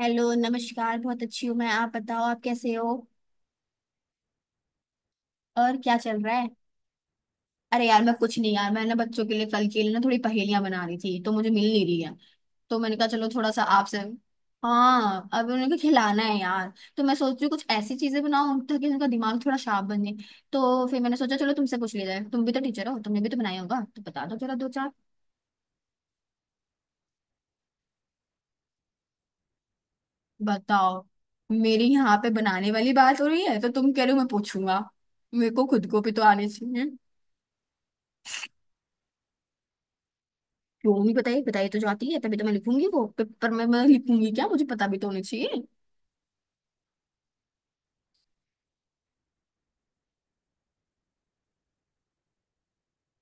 Hello नमस्कार बहुत अच्छी हूँ मैं। आप बताओ आप कैसे हो। और क्या चल रहा है। अरे यार मैं कुछ नहीं यार। मैं ना बच्चों के लिए कल के लिए ना थोड़ी पहेलियां बना रही थी तो मुझे मिल नहीं रही है। तो मैंने कहा चलो थोड़ा सा आपसे। हाँ अब उनको खिलाना है यार। तो मैं सोच रही हूँ कुछ ऐसी चीजें बनाऊं ताकि उनका दिमाग थोड़ा शार्प बन जाए। तो फिर मैंने सोचा चलो तुमसे पूछ लिया जाए। तुम भी तो टीचर हो तुमने भी तो बनाया होगा तो बता दो जरा दो चार। बताओ। मेरी यहाँ पे बनाने वाली बात हो रही है तो तुम कह रहे हो मैं पूछूंगा। मेरे को खुद को भी तो आने चाहिए। क्यों नहीं बताई। बताई तो जाती है तभी तो मैं लिखूंगी वो पेपर में। मैं लिखूंगी क्या, मुझे पता भी तो होना चाहिए।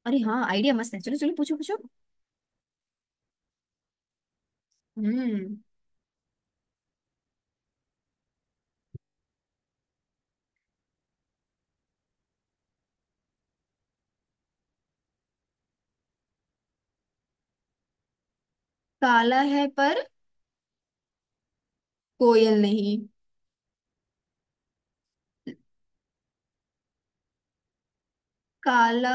अरे हाँ आइडिया मस्त है, चलो चलो पूछो पूछो। हम्म। काला है पर कोयल नहीं। काला।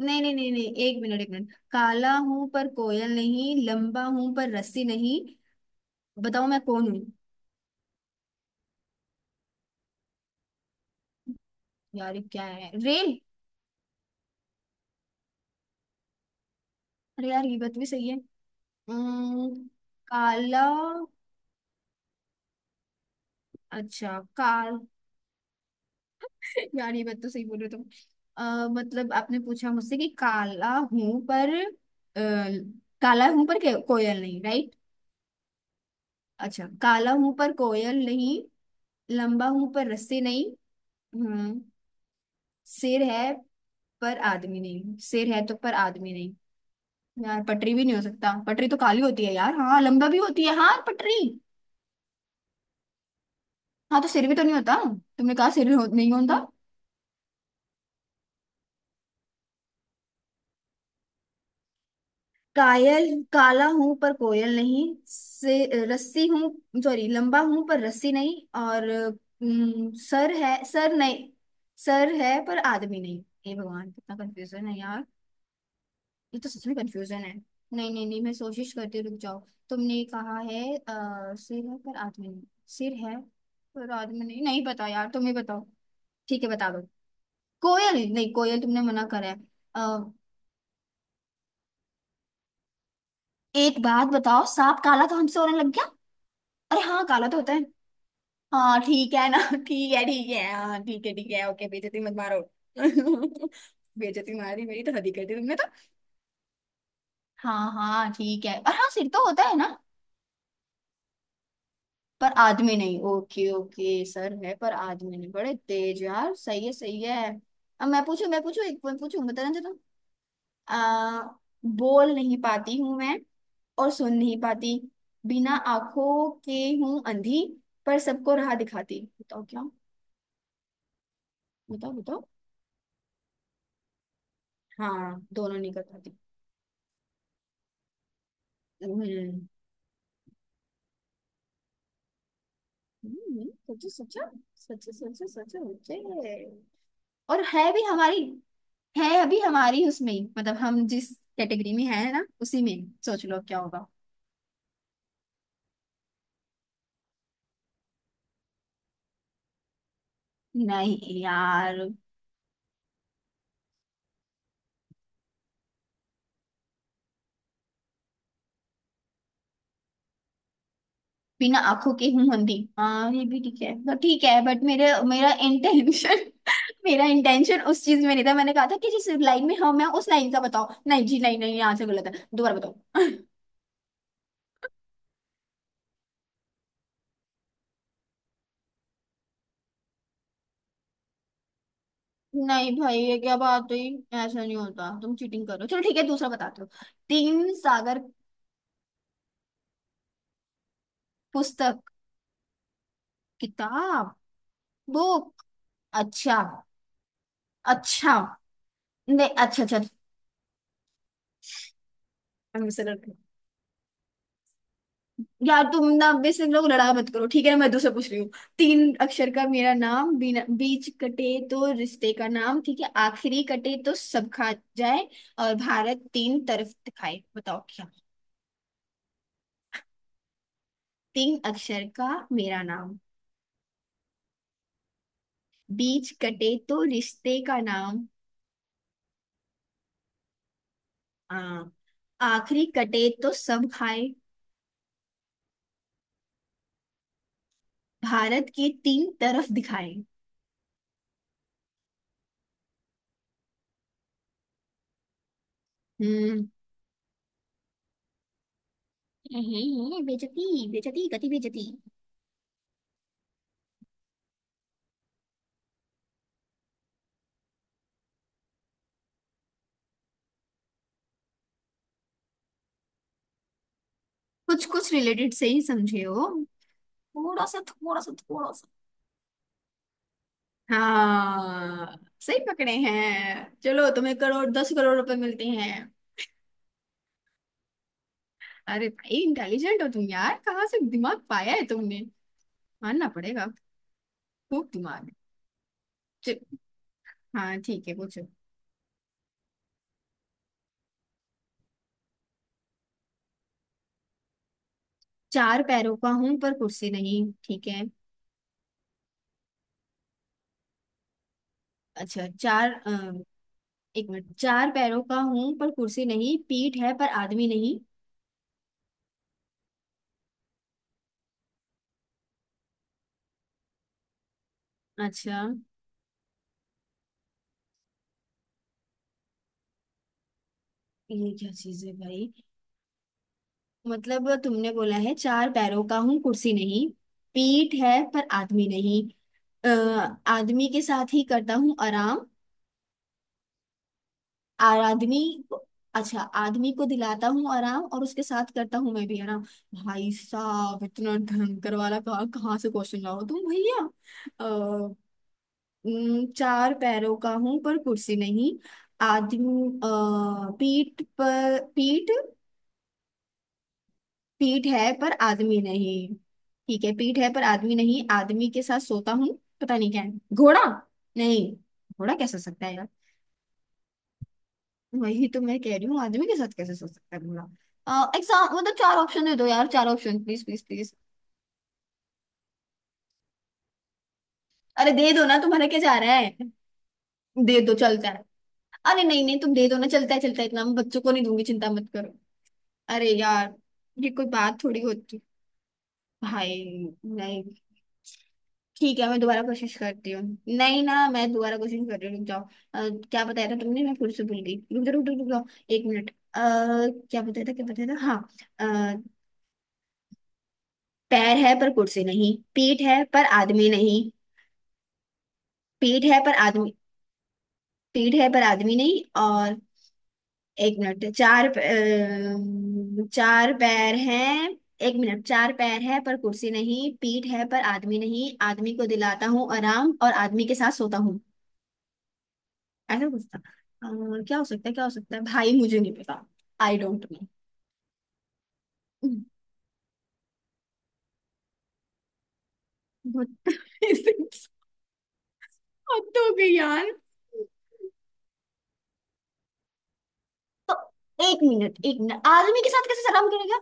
नहीं नहीं नहीं नहीं, एक मिनट एक मिनट। काला हूं पर कोयल नहीं, लंबा हूं पर रस्सी नहीं। बताओ मैं कौन हूँ। यार ये क्या है, रेल। अरे यार ये बात भी सही है। हम्म, काला। अच्छा काल। यार ये बात तो सही बोल रहे हो तुम। मतलब आपने पूछा मुझसे कि काला हूं पर। अ, काला हूं पर कोयल नहीं, राइट। अच्छा काला हूं पर कोयल नहीं, लंबा हूं पर रस्सी नहीं। हम्म। सिर है पर आदमी नहीं। सिर है तो पर आदमी नहीं। यार पटरी भी नहीं हो सकता, पटरी तो काली होती है यार। हाँ लंबा भी होती है, हाँ पटरी। हाँ तो सिर भी तो नहीं होता। तुमने कहा सिर हो, नहीं होता। कायल, काला हूं पर कोयल नहीं से रस्सी हूं, सॉरी लंबा हूं पर रस्सी नहीं। और सर है, सर नहीं। सर है पर आदमी नहीं। हे भगवान कितना कंफ्यूजन है यार। ये तो सच में कंफ्यूजन है। नहीं नहीं नहीं, मैं कोशिश करती हूँ, रुक जाओ। तुमने कहा है सिर है पर आदमी नहीं। सिर है पर आदमी नहीं, नहीं पता यार, तुम ही बताओ। ठीक है बता दो। कोयल नहीं, कोयल तुमने मना करा है। अ, एक बात बताओ, सांप काला तो हमसे होने लग गया। अरे हाँ काला तो होता है। हाँ ठीक है ना ठीक है हाँ ठीक है ओके, बेइज्जती मत मारो बेइज्जती मारी मेरी, तो हद ही कर दी तुमने तो। हाँ हाँ ठीक है, और हाँ सिर तो होता है ना। पर आदमी नहीं, ओके ओके, सर है पर आदमी नहीं, बड़े तेज यार, सही है सही है। अब मैं पूछू मैं पूछू, एक पॉइंट पूछू बता ना तुम। आ, बोल नहीं पाती हूँ मैं, और सुन नहीं पाती, बिना आंखों के हूँ अंधी, पर सबको राह दिखाती, बताओ क्या। बताओ बताओ। हाँ दोनों नहीं कर पाती। हम्म। सोचो सोचो सोचो सोचो सोचो सोचो। और है भी हमारी। है अभी हमारी उसमें ही, मतलब हम जिस कैटेगरी में है ना उसी में सोच लो क्या होगा। नहीं यार। बिना आंखों के हूं अंधी। हाँ ये भी ठीक है तो ठीक है, बट मेरे मेरा इंटेंशन मेरा इंटेंशन उस चीज में नहीं था। मैंने कहा था कि जिस लाइन में हम है उस लाइन का बताओ। नहीं जी, नहीं नहीं यहाँ से गलत है, दोबारा बताओ नहीं भाई ये क्या बात हुई। ऐसा नहीं होता, तुम चीटिंग करो। चलो ठीक है दूसरा बताते हो। तीन सागर। पुस्तक। किताब। बुक। अच्छा। अच्छा। नहीं अच्छा अच्छा। I'm से लड़ रही हूँ। यार तुम ना, अब इससे लोग लड़ाई मत करो ठीक है ना, मैं दूसरा पूछ रही हूँ। तीन अक्षर का मेरा नाम, बिना बीच कटे तो रिश्ते का नाम ठीक है, आखिरी कटे तो सब खा जाए, और भारत तीन तरफ दिखाए, बताओ क्या। तीन अक्षर का मेरा नाम। बीच कटे तो रिश्ते का नाम। हाँ। आखिरी कटे तो सब खाए। भारत के तीन तरफ दिखाए। हम्म। बेचती। बेचती गति बेचती। कुछ कुछ रिलेटेड से ही समझे हो, थोड़ा सा थोड़ा सा थोड़ा सा। हाँ सही पकड़े हैं, चलो तुम्हें करोड़, 10 करोड़ रुपए मिलते हैं। अरे भाई इंटेलिजेंट हो तुम यार, कहाँ से दिमाग पाया है तुमने, मानना पड़ेगा। खूब दिमाग है। चल। हाँ ठीक है पूछो। चार पैरों का हूं पर कुर्सी नहीं, ठीक है। अच्छा चार एक मिनट, चार पैरों का हूं पर कुर्सी नहीं, पीठ है पर आदमी नहीं। अच्छा। ये क्या चीज है भाई। मतलब तुमने बोला है चार पैरों का हूं कुर्सी नहीं, पीठ है पर आदमी नहीं, अ, आदमी के साथ ही करता हूँ आराम, और आदमी को- अच्छा, आदमी को दिलाता हूँ आराम और उसके साथ करता हूँ मैं भी आराम। भाई साहब इतना भयंकर वाला कहाँ कहाँ से क्वेश्चन लाओ तुम भैया। चार पैरों का हूं पर कुर्सी नहीं, आदमी पीठ, पर पीठ, पीठ है पर आदमी नहीं। ठीक है, पीठ है पर आदमी नहीं, आदमी के साथ सोता हूँ। पता नहीं क्या है, घोड़ा। नहीं। घोड़ा कैसे हो सकता है यार। वही तो मैं कह रही हूँ, आदमी के साथ कैसे सो सकता है घोड़ा। एग्जाम मतलब, चार ऑप्शन दे दो यार, चार ऑप्शन प्लीज प्लीज प्लीज। अरे दे दो ना, तुम्हारा क्या जा रहा है। दे दो चलता है। अरे नहीं नहीं तुम दे दो ना, चलता है चलता है, इतना मैं बच्चों को नहीं दूंगी, चिंता मत करो। अरे यार, ये कोई बात थोड़ी होती। भाई। नहीं। ठीक है मैं दोबारा कोशिश करती हूँ। नहीं ना, मैं दोबारा कोशिश कर रही हूँ रुक जाओ। अ, क्या बताया था तुमने, मैं फिर से भूल गई, रुक जाओ रुक जाओ रुक जाओ, एक मिनट। क्या बताया था, क्या बताया था, हाँ। अ, पैर है पर कुर्सी नहीं, पीठ है पर आदमी नहीं। पीठ है पर आदमी, पीठ है पर आदमी नहीं। और एक मिनट, चार चार पैर हैं। एक मिनट, चार पैर है पर कुर्सी नहीं, पीठ है पर आदमी नहीं, आदमी को दिलाता हूँ आराम, और आदमी के साथ सोता हूँ। ऐसा कुछ था। क्या हो सकता है, क्या हो सकता है भाई, मुझे नहीं पता। I don't know. बहुत, हद हो गई यार। तो एक मिनट एक मिनट, आदमी के साथ कैसे सलाम करेगा।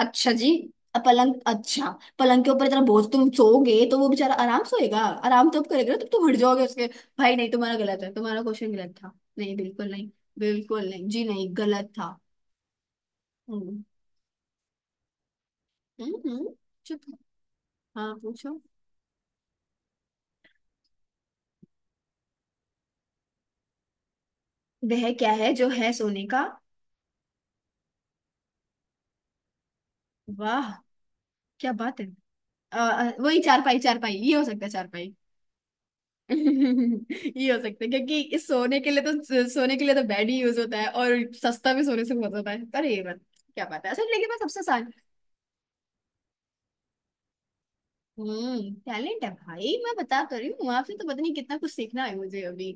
अच्छा जी। पलंग, अच्छा। पलंग के ऊपर इतना बोझ, तुम सोओगे तो वो बेचारा आराम सोएगा, आराम तब करेगा ना, तब तुम उठ जाओगे उसके। भाई नहीं, तुम्हारा गलत है, तुम्हारा क्वेश्चन गलत था। नहीं बिल्कुल नहीं, बिल्कुल नहीं जी, नहीं गलत था। हम्म। हम्म हम्म, चुप। हाँ पूछो। वह क्या है जो है सोने का। वाह क्या बात है। वही चार पाई, चार पाई, ये हो सकता है, चार ये हो सकता है क्योंकि इस सोने के लिए, तो सोने के लिए तो बेड ही यूज होता है, और सस्ता भी सोने से बहुत होता है, पर ये बात। क्या पता है सर, लेकिन मैं सबसे आसान। हम्म, टैलेंट है भाई, मैं बता तो रही हूँ आपसे, तो पता नहीं कितना कुछ सीखना है मुझे अभी।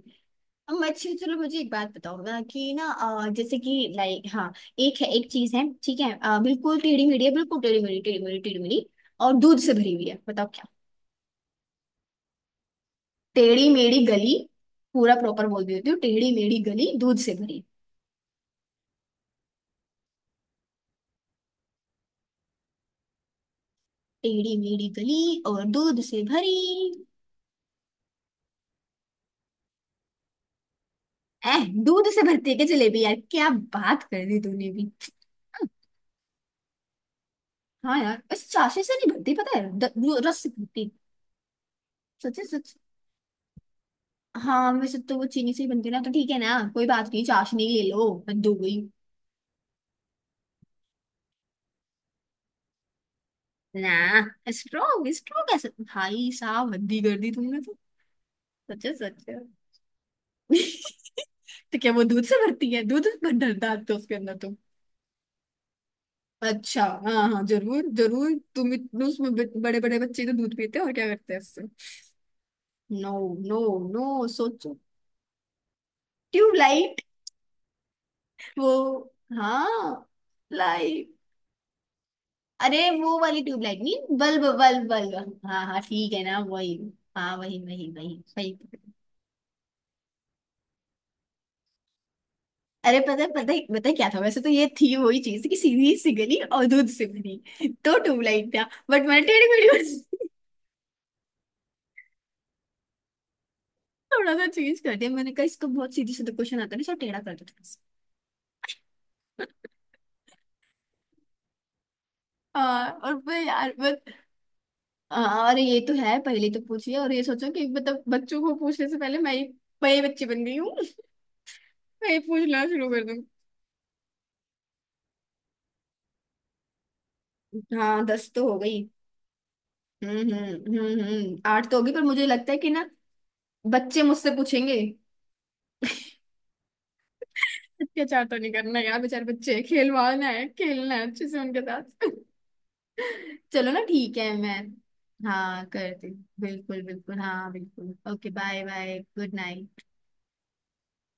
अब अच्छा, चलो मुझे एक बात बताओ ना कि ना जैसे कि, लाइक, हाँ एक है, एक चीज है ठीक है, बिल्कुल टेढ़ी मेढ़ी है, बिल्कुल टेढ़ी मेढ़ी टेढ़ी मेढ़ी टेढ़ी मेढ़ी, और दूध से भरी हुई है, बताओ क्या। टेढ़ी मेढ़ी गली। पूरा प्रॉपर बोल देती हूँ, टेढ़ी मेढ़ी गली दूध से भरी। टेढ़ी मेढ़ी गली और दूध से भरी। एह, दूध से भरती है क्या जलेबी यार, क्या बात कर दी तूने भी। हाँ यार, इस चाशनी से नहीं भरती, पता है वो रस से भरती। सच है, सच। हाँ वैसे तो वो चीनी से ही बनती है ना, तो ठीक है ना, कोई बात नहीं, चाशनी ले लो, हद हो गई। ना। स्ट्रॉन्ग, स्ट्रॉन्ग कैसे भाई साहब, हद ही कर दी तुमने तो। सच है तो क्या वो दूध से भरती है, दूध डालते हो उसके अंदर तो। अच्छा हाँ हाँ, जरूर जरूर तुम इतने उसमें, बड़े बड़े बच्चे तो दूध पीते हो और क्या करते हैं उससे। नो। नो। नो, सोचो। ट्यूबलाइट। वो। हाँ। लाइट। अरे वो वाली ट्यूबलाइट नहीं, बल्ब बल्ब बल्ब, हाँ हाँ ठीक है ना, वही। हाँ वही वही वही सही। अरे पता है पता है पता है क्या था, वैसे तो ये थी वही चीज कि सीधी सी गली और दूध से बनी, तो ट्यूबलाइट था, बट मैंने टेढ़ी मेढ़ी थोड़ा सा चेंज कर दिया, मैंने कहा इसको, बहुत सीधी सीधा क्वेश्चन आता है ना, सब टेढ़ा कर दो थोड़ा। हाँ और फिर यार बस। हाँ और ये तो है, पहले तो पूछिए और ये सोचो कि मतलब बच्चों को पूछने से पहले मैं ही, मैं ही बच्ची बन गई हूँ मैं ही पूछना शुरू कर दूँ। हाँ 10 तो हो गई। हम्म। आठ तो होगी, पर मुझे लगता है कि ना, बच्चे मुझसे पूछेंगे। अत्याचार तो नहीं करना यार, बेचारे बच्चे, खिलवाना है, खेलना है अच्छे से उनके साथ चलो ना ठीक है, मैं, हाँ करती, बिल्कुल बिल्कुल हाँ बिल्कुल, okay bye bye good night.